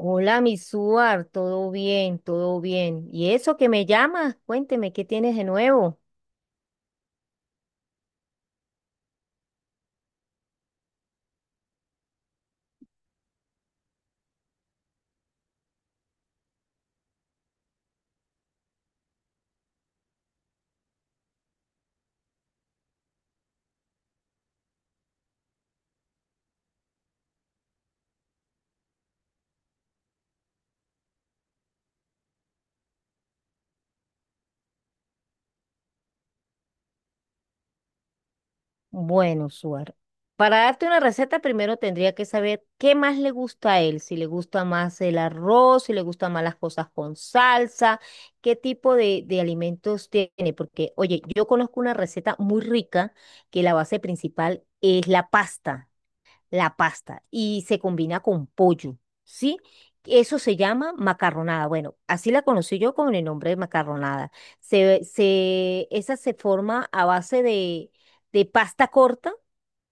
Hola, mi Suar, todo bien, todo bien. ¿Y eso que me llamas? Cuénteme, ¿qué tienes de nuevo? Bueno, Suar, para darte una receta primero tendría que saber qué más le gusta a él, si le gusta más el arroz, si le gustan más las cosas con salsa, qué tipo de alimentos tiene, porque, oye, yo conozco una receta muy rica que la base principal es la pasta. La pasta y se combina con pollo, ¿sí? Eso se llama macarronada. Bueno, así la conocí yo con el nombre de macarronada. Esa se forma a base de pasta corta,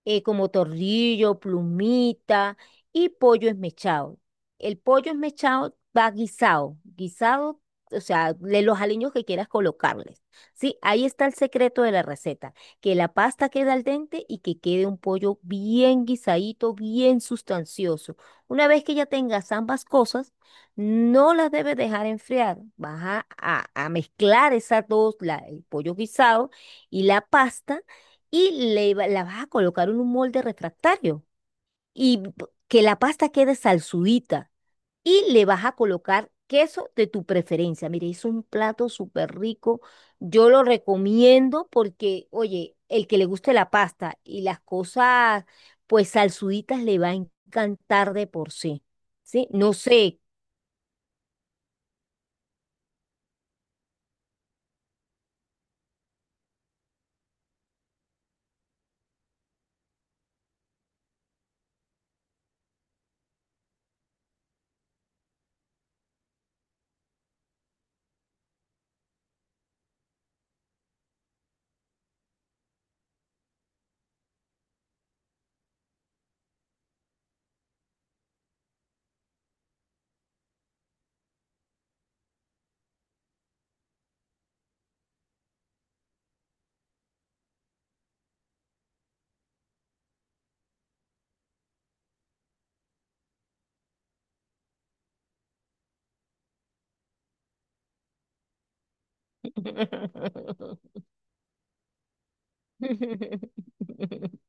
como torrillo, plumita y pollo esmechado. El pollo esmechado va guisado, guisado, o sea, de los aliños que quieras colocarles. Sí, ahí está el secreto de la receta, que la pasta quede al dente y que quede un pollo bien guisadito, bien sustancioso. Una vez que ya tengas ambas cosas, no las debes dejar enfriar. Vas a mezclar esas dos, el pollo guisado y la pasta, y la vas a colocar en un molde refractario y que la pasta quede salsudita, y le vas a colocar queso de tu preferencia. Mire, es un plato súper rico. Yo lo recomiendo porque, oye, el que le guste la pasta y las cosas pues salsuditas le va a encantar de por sí. ¿Sí? No sé.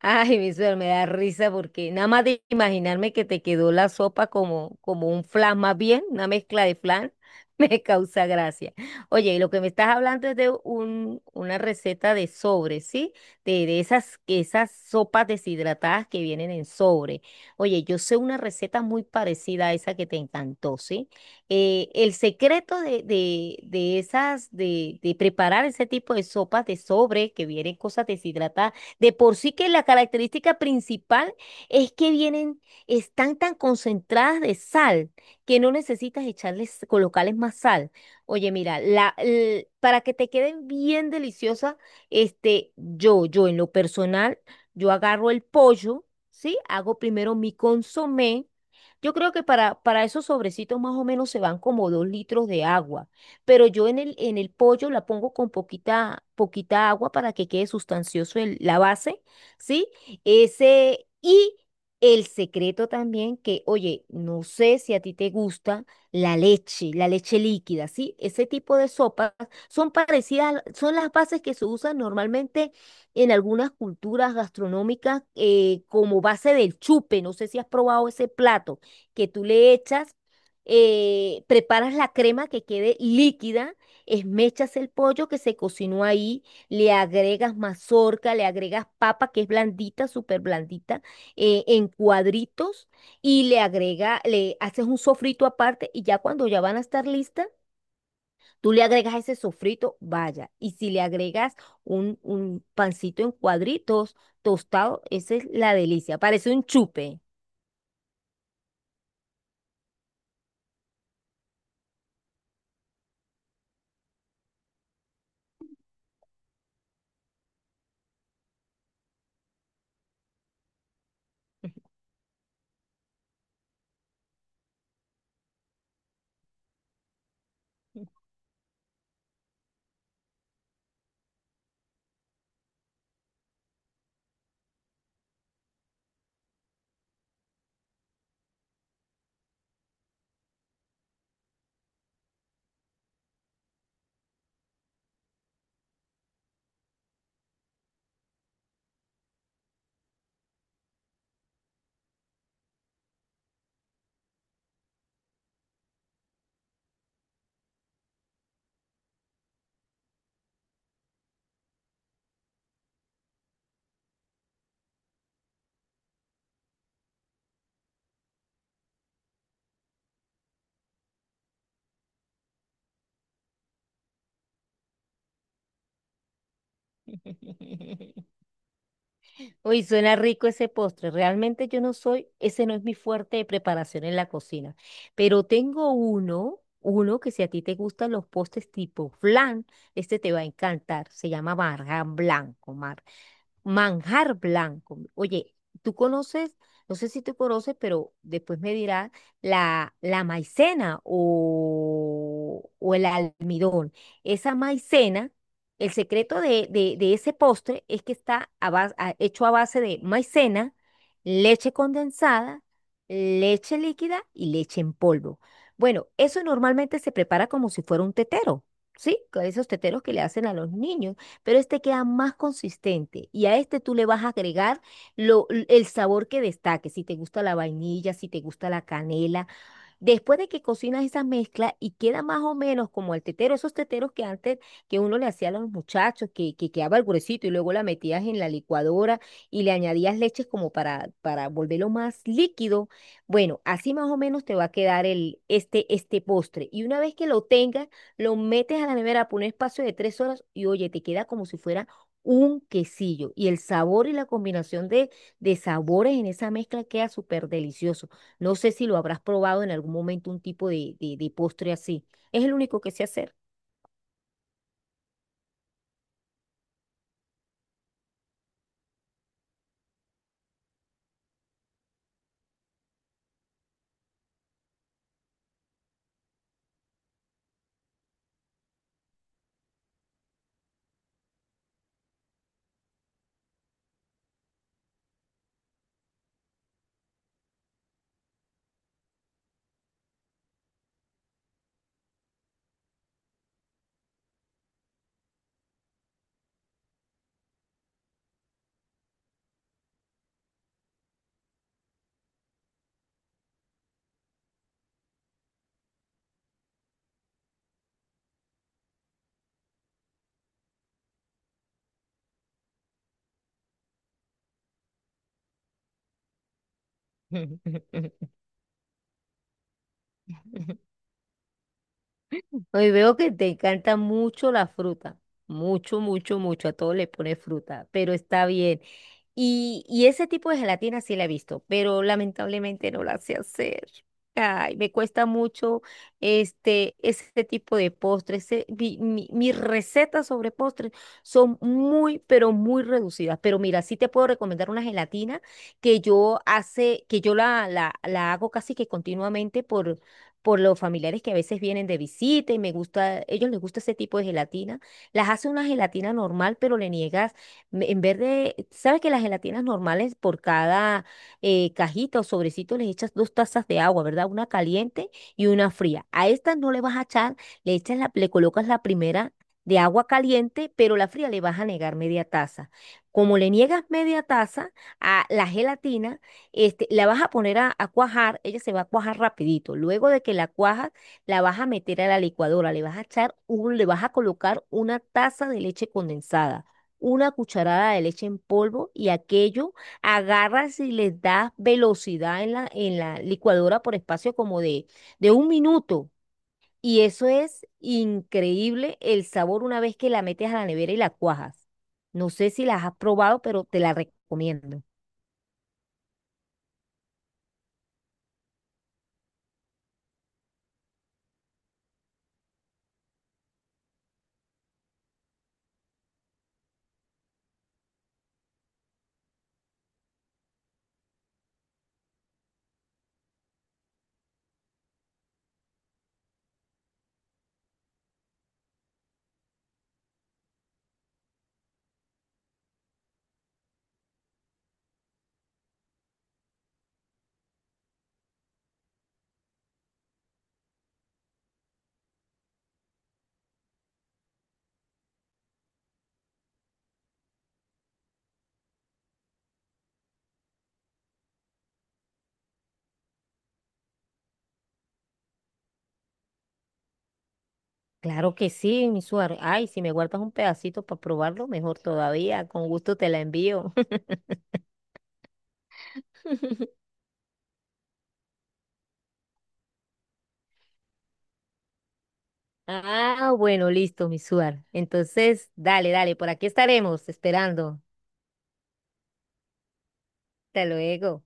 Ay, mi suegro, me da risa porque nada más de imaginarme que te quedó la sopa como, como un flan más bien, una mezcla de flan, me causa gracia. Oye, y lo que me estás hablando es de un, una receta de sobre, ¿sí? De esas, que esas sopas deshidratadas que vienen en sobre. Oye, yo sé una receta muy parecida a esa que te encantó, ¿sí? El secreto de esas, de preparar ese tipo de sopas de sobre que vienen cosas deshidratadas de por sí, que la característica principal es que vienen, están tan concentradas de sal que no necesitas echarles, colocarles más sal. Oye, mira, para que te queden bien deliciosas, este, yo en lo personal, yo agarro el pollo, ¿sí? Hago primero mi consomé. Yo creo que para esos sobrecitos más o menos se van como 2 litros de agua, pero yo en el pollo la pongo con poquita, poquita agua para que quede sustancioso la base, ¿sí? Ese, y el secreto también que, oye, no sé si a ti te gusta la leche líquida, ¿sí? Ese tipo de sopas son parecidas, son las bases que se usan normalmente en algunas culturas gastronómicas, como base del chupe, no sé si has probado ese plato, que tú le echas, preparas la crema que quede líquida, esmechas el pollo que se cocinó ahí, le agregas mazorca, le agregas papa que es blandita, súper blandita, en cuadritos, y le agrega, le haces un sofrito aparte, y ya cuando ya van a estar listas, tú le agregas ese sofrito, vaya, y si le agregas un pancito en cuadritos tostado, esa es la delicia, parece un chupe. Uy, suena rico ese postre. Realmente yo no soy, ese no es mi fuerte de preparación en la cocina. Pero tengo uno, uno que si a ti te gustan los postres tipo flan, este te va a encantar. Se llama marjan blanco, Mar. Manjar blanco. Oye, tú conoces, no sé si tú conoces, pero después me dirás la maicena o el almidón. Esa maicena, el secreto de ese postre es que está hecho a base de maicena, leche condensada, leche líquida y leche en polvo. Bueno, eso normalmente se prepara como si fuera un tetero, ¿sí? Con esos teteros que le hacen a los niños, pero este queda más consistente y a este tú le vas a agregar el sabor que destaque, si te gusta la vainilla, si te gusta la canela. Después de que cocinas esa mezcla y queda más o menos como el tetero, esos teteros que antes que uno le hacía a los muchachos, que quedaba el gruesito y luego la metías en la licuadora y le añadías leches como para volverlo más líquido. Bueno, así más o menos te va a quedar el, este postre. Y una vez que lo tengas, lo metes a la nevera por un espacio de 3 horas y oye, te queda como si fuera un quesillo. Y el sabor y la combinación de sabores en esa mezcla queda súper delicioso. No sé si lo habrás probado en algún momento un tipo de postre así. Es el único que sé hacer. Hoy veo que te encanta mucho la fruta, mucho, mucho, mucho, a todo le pones fruta, pero está bien. Y ese tipo de gelatina sí la he visto, pero lamentablemente no la sé hacer. Ay, me cuesta mucho este, ese tipo de postres. Mis recetas sobre postres son muy, pero muy reducidas. Pero mira, sí te puedo recomendar una gelatina que yo hace, que yo la hago casi que continuamente por los familiares que a veces vienen de visita y me gusta, ellos les gusta ese tipo de gelatina. Las hace una gelatina normal, pero le niegas, en vez de, sabes que las gelatinas normales por cada, cajita o sobrecito les echas 2 tazas de agua, ¿verdad? Una caliente y una fría. A estas no le vas a echar, le echas la, le colocas la primera de agua caliente, pero la fría le vas a negar media taza. Como le niegas media taza a la gelatina, este, la vas a poner a cuajar, ella se va a cuajar rapidito. Luego de que la cuajas, la vas a meter a la licuadora, le vas a echar un, le vas a colocar una taza de leche condensada, una cucharada de leche en polvo, y aquello agarras y le das velocidad en la licuadora por espacio como de un minuto. Y eso es increíble el sabor una vez que la metes a la nevera y la cuajas. No sé si las has probado, pero te la recomiendo. Claro que sí, mi suar. Ay, si me guardas un pedacito para probarlo, mejor todavía. Con gusto te la envío. Ah, bueno, listo, mi suar. Entonces, dale, dale, por aquí estaremos esperando. Hasta luego.